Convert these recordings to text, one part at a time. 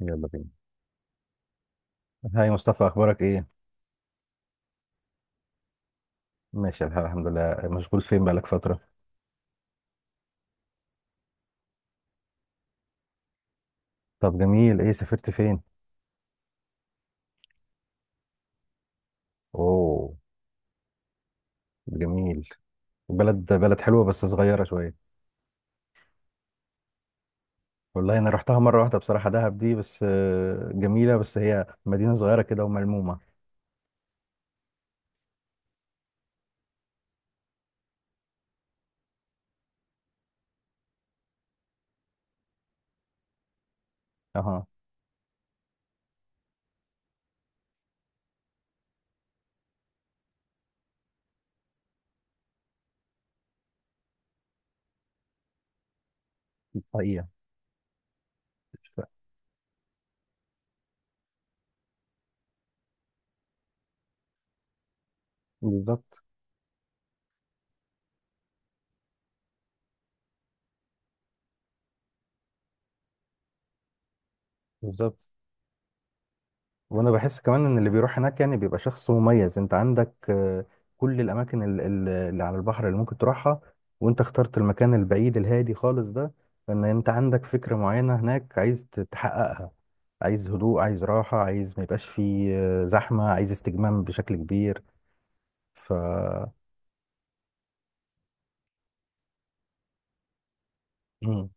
يلا بينا. هاي مصطفى، اخبارك ايه؟ ماشي الحال، الحمد لله. مشغول فين بقالك فترة؟ طب جميل، ايه سافرت فين؟ اوه. جميل. بلد حلوة بس صغيرة شوية. والله انا رحتها مرة واحدة بصراحة، دهب دي بس جميلة، بس هي مدينة صغيرة كده وملمومة. اها. حقيقة. بالظبط. بالظبط. وانا بحس كمان ان اللي بيروح هناك يعني بيبقى شخص مميز. انت عندك كل الاماكن اللي على البحر اللي ممكن تروحها، وانت اخترت المكان البعيد الهادي خالص ده، لان انت عندك فكرة معينة هناك عايز تحققها. عايز هدوء، عايز راحة، عايز ما يبقاش فيه زحمة، عايز استجمام بشكل كبير. ف مم.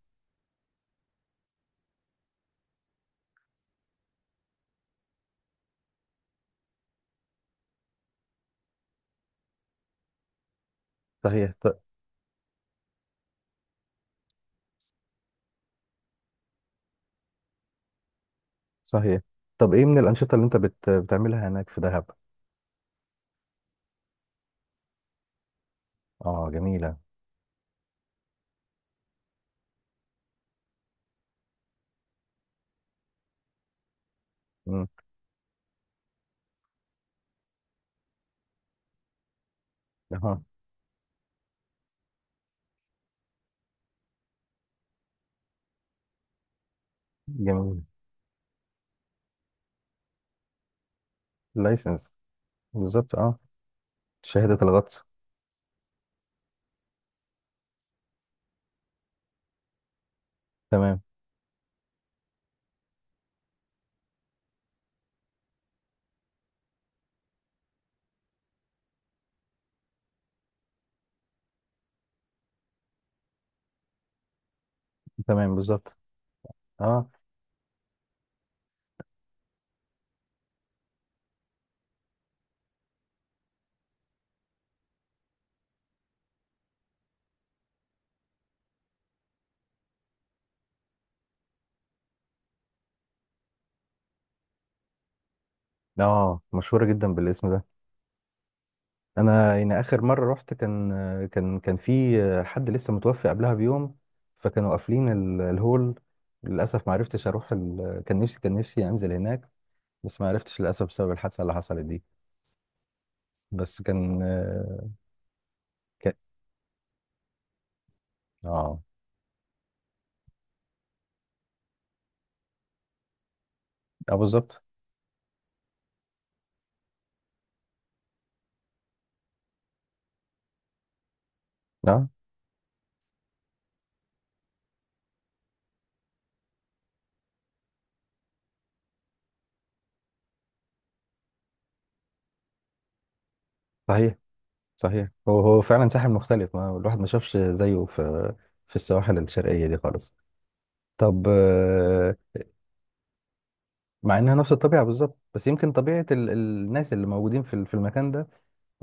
صحيح. صحيح. طب ايه من الانشطة اللي انت بتعملها هناك في دهب؟ اه جميلة. مم. اها. جميل. لايسنس. بالظبط، اه. شهادة الغطس. تمام. تمام. بالظبط، اه. اه مشهورة جدا بالاسم ده. انا يعني اخر مرة رحت كان في حد لسه متوفي قبلها بيوم، فكانوا قافلين الهول. للاسف ما عرفتش اروح كان نفسي انزل هناك، بس ما عرفتش للاسف بسبب الحادثة اللي حصلت دي. بس كان اه. اه بالظبط. اه صحيح. صحيح، هو هو فعلا ساحل مختلف، ما الواحد ما شافش زيه في السواحل الشرقية دي خالص. طب، مع انها نفس الطبيعه بالظبط، بس يمكن طبيعه الناس اللي موجودين في في المكان ده،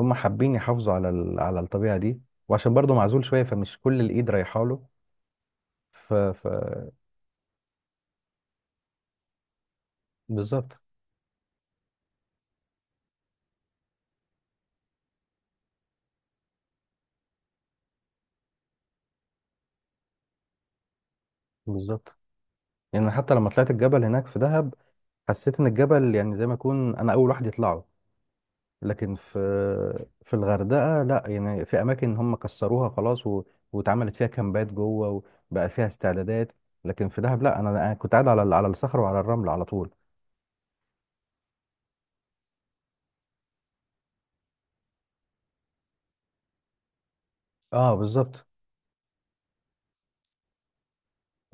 هم حابين يحافظوا على على الطبيعه دي، وعشان برضه معزول شويه فمش كل الايد رايحه له. ف ف بالظبط. بالظبط. يعني حتى لما طلعت الجبل هناك في دهب حسيت ان الجبل يعني زي ما اكون انا اول واحد يطلعه، لكن في الغردقه لا، يعني في اماكن هم كسروها خلاص واتعملت فيها كامبات جوه وبقى فيها استعدادات. لكن في دهب لا، انا كنت قاعد على على الصخر وعلى الرمل على طول. اه بالظبط.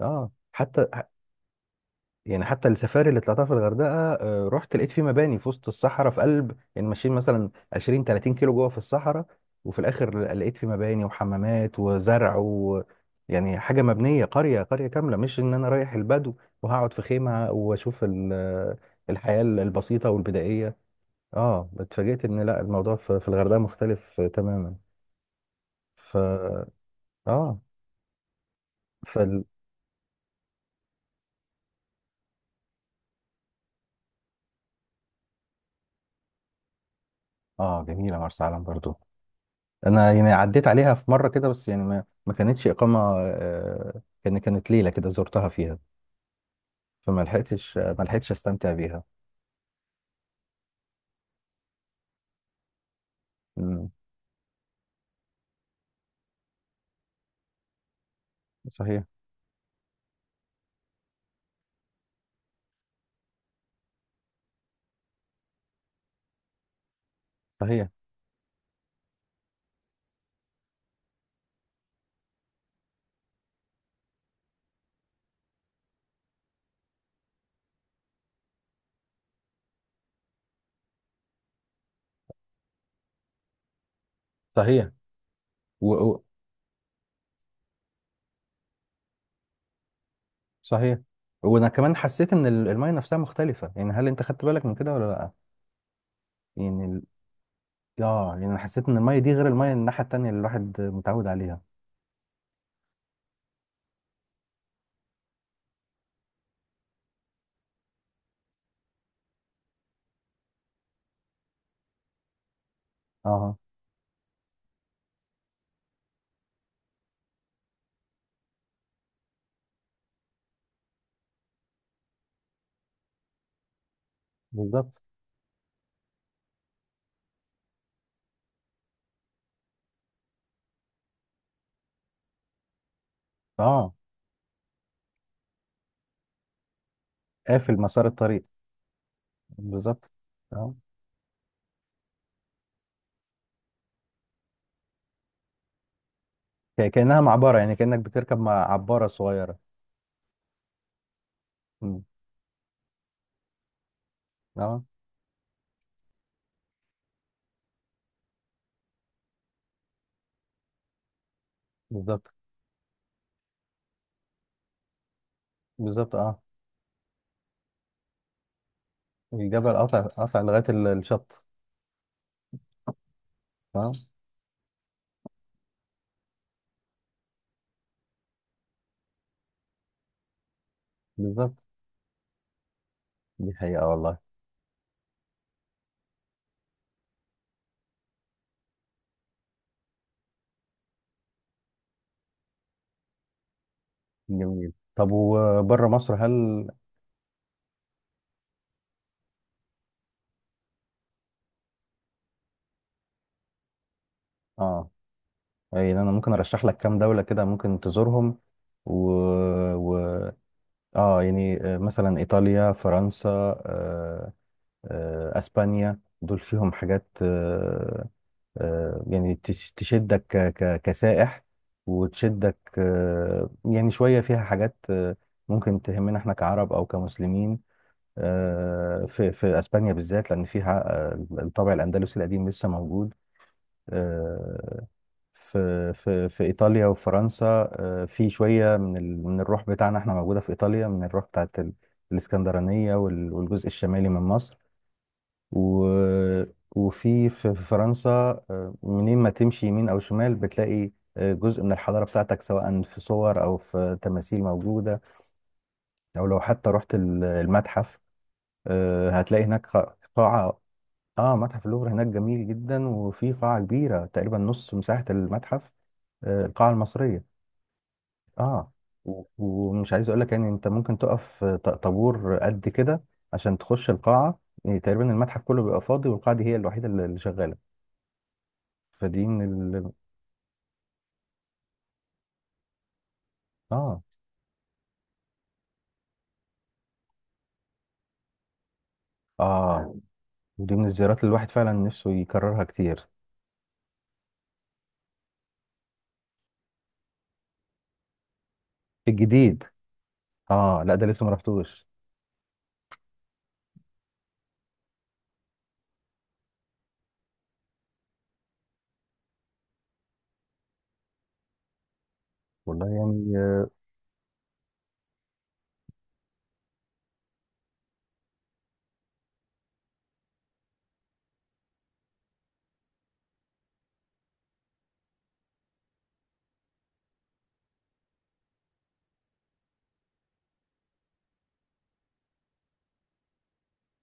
اه يعني حتى السفاري اللي طلعتها في الغردقه، رحت لقيت في مباني في وسط الصحراء، في قلب يعني ماشيين مثلا 20 30 كيلو جوه في الصحراء، وفي الاخر لقيت في مباني وحمامات وزرع يعني حاجه مبنيه، قريه قريه كامله، مش ان انا رايح البدو وهقعد في خيمه واشوف الحياه البسيطه والبدائيه. اه اتفاجئت ان لا، الموضوع في الغردقه مختلف تماما. ف اه. فال اه جميله، مرسى علم برضو انا يعني عديت عليها في مره كده، بس يعني ما كانتش اقامه. كانت ليله كده زرتها فيها، فما لحقتش ما لحقتش استمتع بيها. مم. صحيح. صحيح. صحيح. و... و... صحيح، وانا كمان حسيت ان الميه نفسها مختلفه، يعني هل انت خدت بالك من كده ولا لا؟ يعني اه يعني انا حسيت ان الميه دي غير الميه الناحيه التانيه اللي الواحد متعود عليها. اه بالظبط. اه، قافل مسار الطريق. بالظبط، اه كانها معبره، يعني كانك بتركب مع عباره صغيره. مم. اه بالظبط. بالظبط، اه الجبل قطع قطع لغاية الشط. تمام. بالظبط، دي حقيقة والله. جميل، طب وبره مصر اه يعني انا ممكن ارشح لك كام دولة كده ممكن تزورهم. و... و... اه يعني مثلا ايطاليا، فرنسا، آه، اسبانيا، دول فيهم حاجات يعني تشدك كسائح، وتشدك يعني شوية، فيها حاجات ممكن تهمنا احنا كعرب او كمسلمين. في اسبانيا بالذات لان فيها الطابع الاندلسي القديم لسه موجود. آه، في ايطاليا وفرنسا، في شويه من من الروح بتاعنا احنا موجوده في ايطاليا، من الروح بتاعت الاسكندرانيه والجزء الشمالي من مصر. و... وفي في فرنسا، منين ما تمشي يمين أو شمال بتلاقي جزء من الحضارة بتاعتك، سواء في صور أو في تماثيل موجودة، أو لو حتى رحت المتحف. هتلاقي هناك قاعة. آه، متحف اللوفر هناك جميل جدا، وفي قاعة كبيرة تقريبا نص مساحة المتحف، القاعة المصرية. آه، ومش عايز أقول لك يعني، أنت ممكن تقف طابور قد كده عشان تخش القاعة. يعني تقريبا المتحف كله بيبقى فاضي، والقاعة دي هي الوحيدة اللي شغالة. فدي من اه. اه ودي من الزيارات اللي الواحد فعلا نفسه يكررها كتير. الجديد؟ اه لا ده لسه ما رحتوش. والله يعني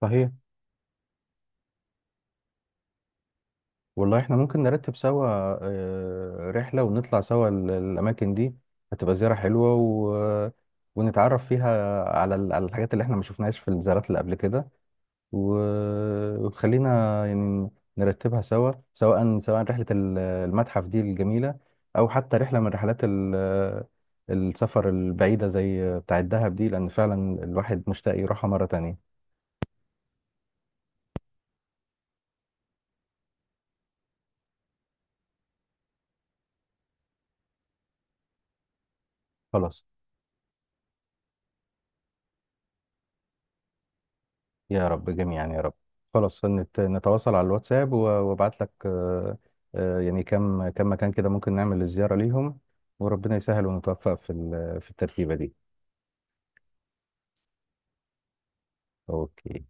صحيح. والله احنا ممكن نرتب سوا رحلة ونطلع سوا الأماكن دي، هتبقى زيارة حلوة و... آه، ونتعرف فيها على على الحاجات اللي احنا ما شفناهاش في الزيارات اللي قبل كده. وخلينا يعني نرتبها سوا، سواء رحلة المتحف دي الجميلة، أو حتى رحلة من رحلات السفر البعيدة زي بتاع الدهب دي، لأن فعلا الواحد مشتاق يروحها مرة تانية. خلاص. يا رب جميعا، يا رب. خلاص، نتواصل على الواتساب، وابعت لك يعني كم مكان كده ممكن نعمل الزيارة ليهم، وربنا يسهل ونتوفق في في الترتيبة دي. أوكي.